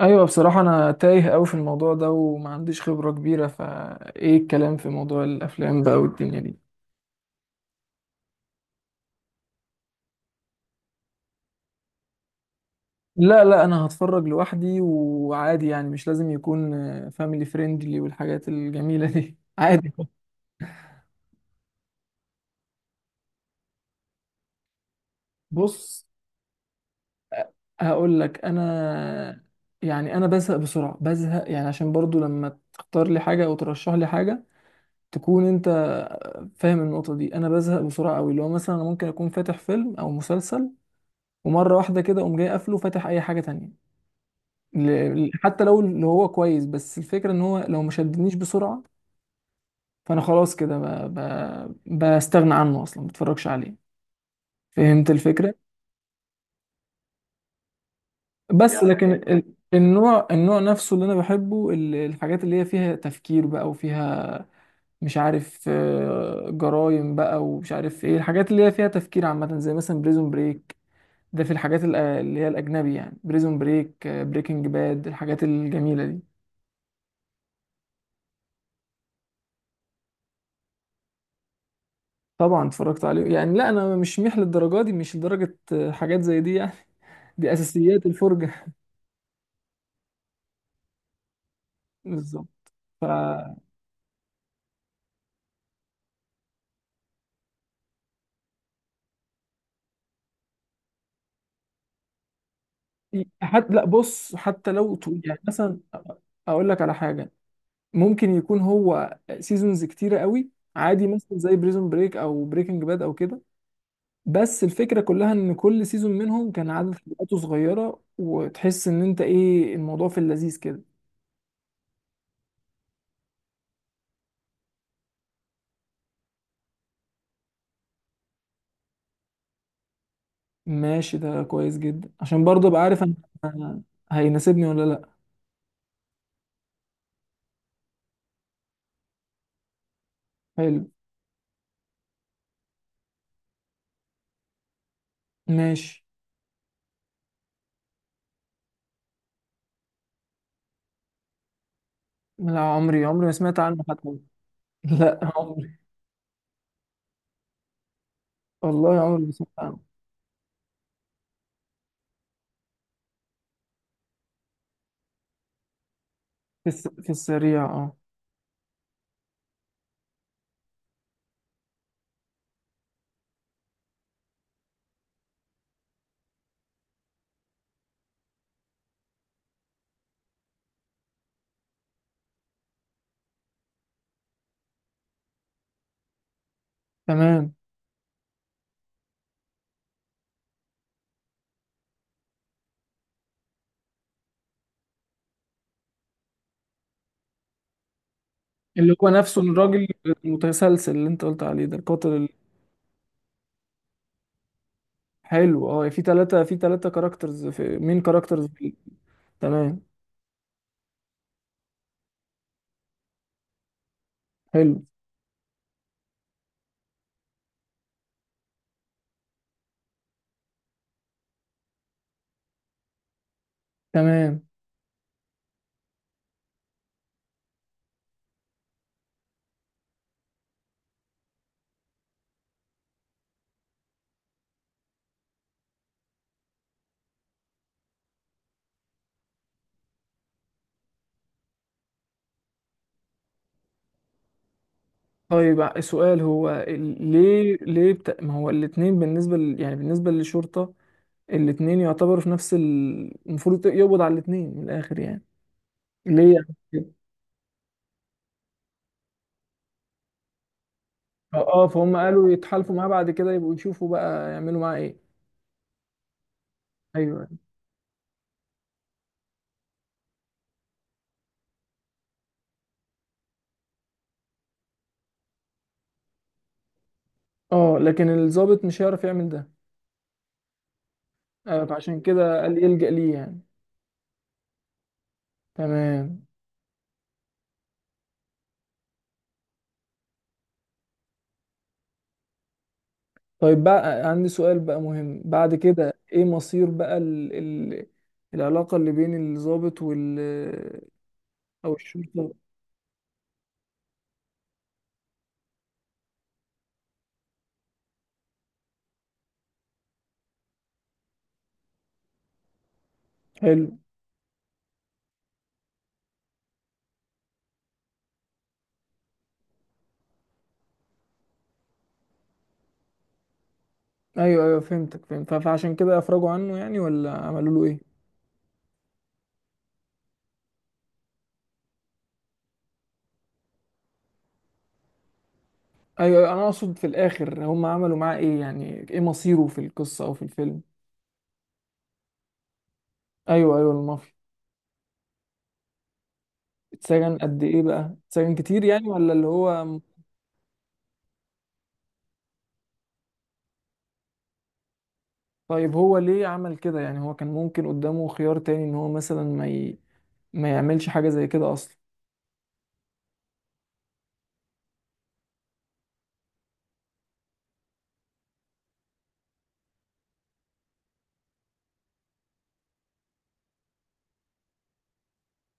ايوه، بصراحة انا تايه قوي في الموضوع ده وما عنديش خبرة كبيرة، فايه الكلام في موضوع الافلام بقى والدنيا دي. لا لا، انا هتفرج لوحدي وعادي، يعني مش لازم يكون فاميلي فريندلي والحاجات الجميلة دي. عادي. بص، هقول لك انا، يعني انا بزهق بسرعة، بزهق يعني، عشان برضو لما تختار لي حاجة او ترشح لي حاجة تكون انت فاهم النقطة دي. انا بزهق بسرعة قوي، اللي هو مثلا انا ممكن اكون فاتح فيلم او مسلسل ومرة واحدة كده اقوم جاي قافله فاتح اي حاجة تانية. حتى لو اللي هو كويس، بس الفكرة ان هو لو ما شدنيش بسرعة فانا خلاص كده بستغنى عنه اصلا، ما بتفرجش عليه. فهمت الفكرة. بس يعني لكن النوع النوع نفسه اللي انا بحبه، الحاجات اللي هي فيها تفكير بقى وفيها مش عارف، جرايم بقى، ومش عارف ايه الحاجات اللي هي فيها تفكير عامة، زي مثلا بريزون بريك. ده في الحاجات اللي هي الأجنبي يعني، بريزون بريك، بريكنج باد، الحاجات الجميلة دي. طبعا اتفرجت عليه يعني، لا انا مش ميح للدرجه دي، مش لدرجه حاجات زي دي يعني، دي اساسيات الفرجه. بالظبط. ف حتى لا بص، حتى لو يعني مثلا اقول لك على حاجه، ممكن يكون هو سيزونز كتيره قوي عادي، مثلا زي بريزون بريك او بريكنج باد او كده، بس الفكره كلها ان كل سيزون منهم كان عدد حلقاته صغيره وتحس ان انت ايه الموضوع في اللذيذ كده. ماشي، ده كويس جدا عشان برضه ابقى عارف أنا هيناسبني ولا لا. حلو. ماشي. لا، عمري عمري ما سمعت عنه حتى. لا، عمري. والله عمري ما سمعت عنه. في السريع، اه. تمام. اللي هو نفسه الراجل المتسلسل اللي انت قلت عليه ده، القاتل الحلو. اه، في ثلاثة كاركترز، في مين كاركترز. تمام. حلو. تمام. طيب السؤال هو، ليه ليه ما هو الاتنين بالنسبة يعني بالنسبة للشرطة الاتنين يعتبروا في نفس المفروض يقبض على الاتنين من الآخر يعني. ليه يعني؟ اه، فهم قالوا يتحالفوا معاه بعد كده يبقوا يشوفوا بقى يعملوا معاه ايه. ايوه. اه، لكن الضابط مش هيعرف يعمل ده. فعشان كده قال يلجأ ليه يعني. تمام. طيب بقى عندي سؤال بقى مهم، بعد كده ايه مصير بقى العلاقة اللي بين الضابط وال، او الشرطة. حلو. ايوه ايوه، فهمتك فهمت، فعشان كده افرجوا عنه يعني، ولا عملوا له ايه؟ ايوه، أيوة، انا اقصد في الاخر هم عملوا معاه ايه يعني، ايه مصيره في القصة او في الفيلم. ايوه ايوه، المافيا. اتسجن قد ايه بقى؟ اتسجن كتير يعني، ولا اللي هو؟ طيب هو ليه عمل كده يعني؟ هو كان ممكن قدامه خيار تاني ان هو مثلا ما يعملش حاجة زي كده اصلا.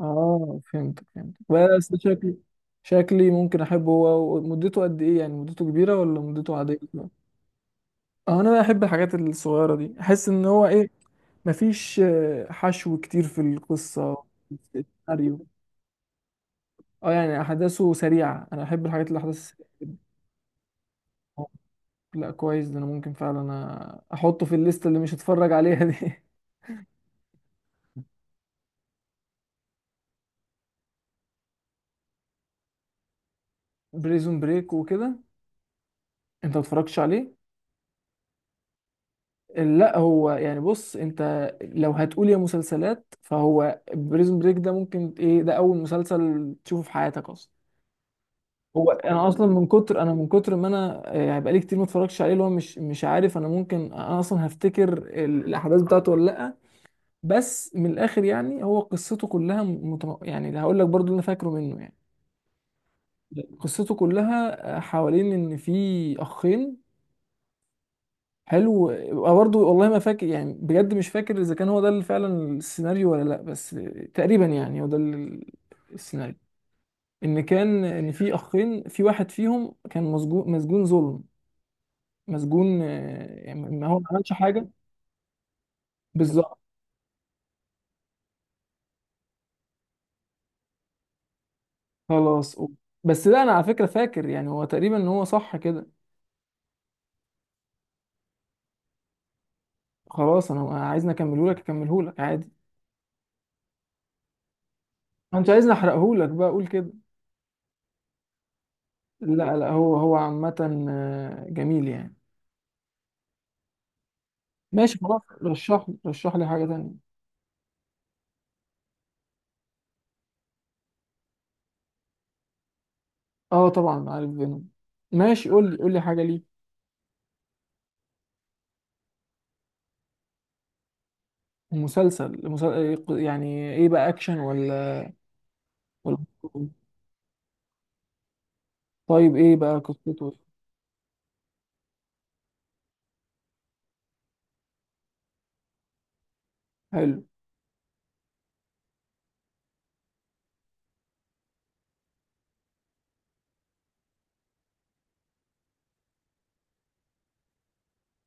اه فهمت فهمت، بس شكلي، شكلي ممكن احبه. هو مدته قد ايه يعني؟ مدته كبيرة ولا مدته عادية؟ اه، انا بحب الحاجات الصغيرة دي، احس ان هو ايه، مفيش حشو كتير في القصة في السيناريو. اه يعني احداثه سريعة، انا احب الحاجات اللي احداثها سريعة. لا كويس ده، انا ممكن فعلا احطه في الليسته اللي مش هتفرج عليها دي. بريزون بريك وكده. انت ما اتفرجتش عليه؟ لا هو يعني، بص انت، لو هتقول يا مسلسلات فهو بريزون بريك ده ممكن ايه، ده اول مسلسل تشوفه في حياتك اصلا. هو انا اصلا من كتر، ما انا، هيبقى لي كتير ما اتفرجتش عليه، اللي هو مش عارف، انا ممكن انا اصلا هفتكر الاحداث بتاعته ولا لا. بس من الاخر يعني، هو قصته كلها يعني هقول لك برضو اللي انا فاكره منه يعني، قصته كلها حوالين ان في اخين. حلو. أه برضه، والله ما فاكر يعني، بجد مش فاكر اذا كان هو ده اللي فعلا السيناريو ولا لا، بس تقريبا يعني هو ده السيناريو، ان كان ان في اخين، في واحد فيهم كان مسجون، مسجون ظلم، مسجون يعني ما هو ما عملش حاجه. بالظبط. خلاص. بس لا، انا على فكره فاكر يعني، هو تقريبا ان هو صح كده. خلاص انا عايزني اكمله لك، اكمله لك عادي. انت عايزني احرقه لك بقى اقول كده؟ لا لا، هو عامة جميل يعني. ماشي خلاص، رشح رشح لي حاجة تانية. اه طبعا عارف فينوم. ماشي، قول لي قول لي حاجة ليه. مسلسل، يعني ايه بقى، اكشن ولا، ولا؟ طيب ايه بقى قصته؟ حلو.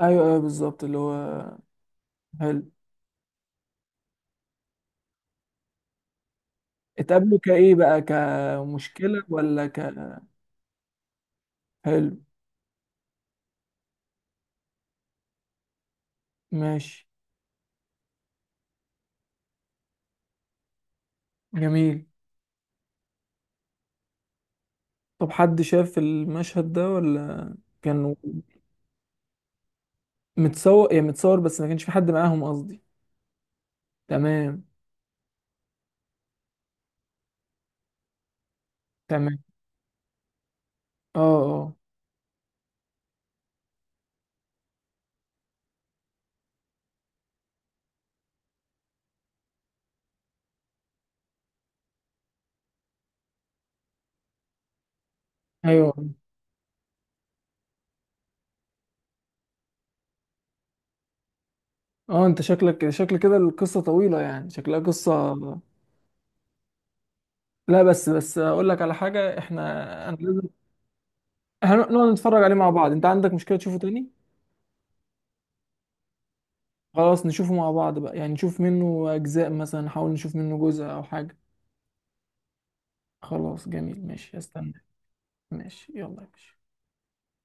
ايوه ايوه، بالظبط اللي هو. حلو، اتقابلوا كايه بقى، كمشكلة ولا ك؟ حلو. ماشي. جميل. طب حد شاف المشهد ده، ولا كانوا، متصور يعني متصور، بس ما كانش في حد معاهم قصدي. تمام. تمام. اه. اه. ايوه. اه انت شكلك شكل كده القصه طويله يعني، شكلها قصه. لا بس بس اقول لك على حاجه، احنا انا لازم هنقعد نتفرج عليه مع بعض، انت عندك مشكله تشوفه تاني؟ خلاص نشوفه مع بعض بقى يعني، نشوف منه اجزاء مثلا، نحاول نشوف منه جزء او حاجه. خلاص جميل، ماشي استنى. ماشي يلا يا باشا.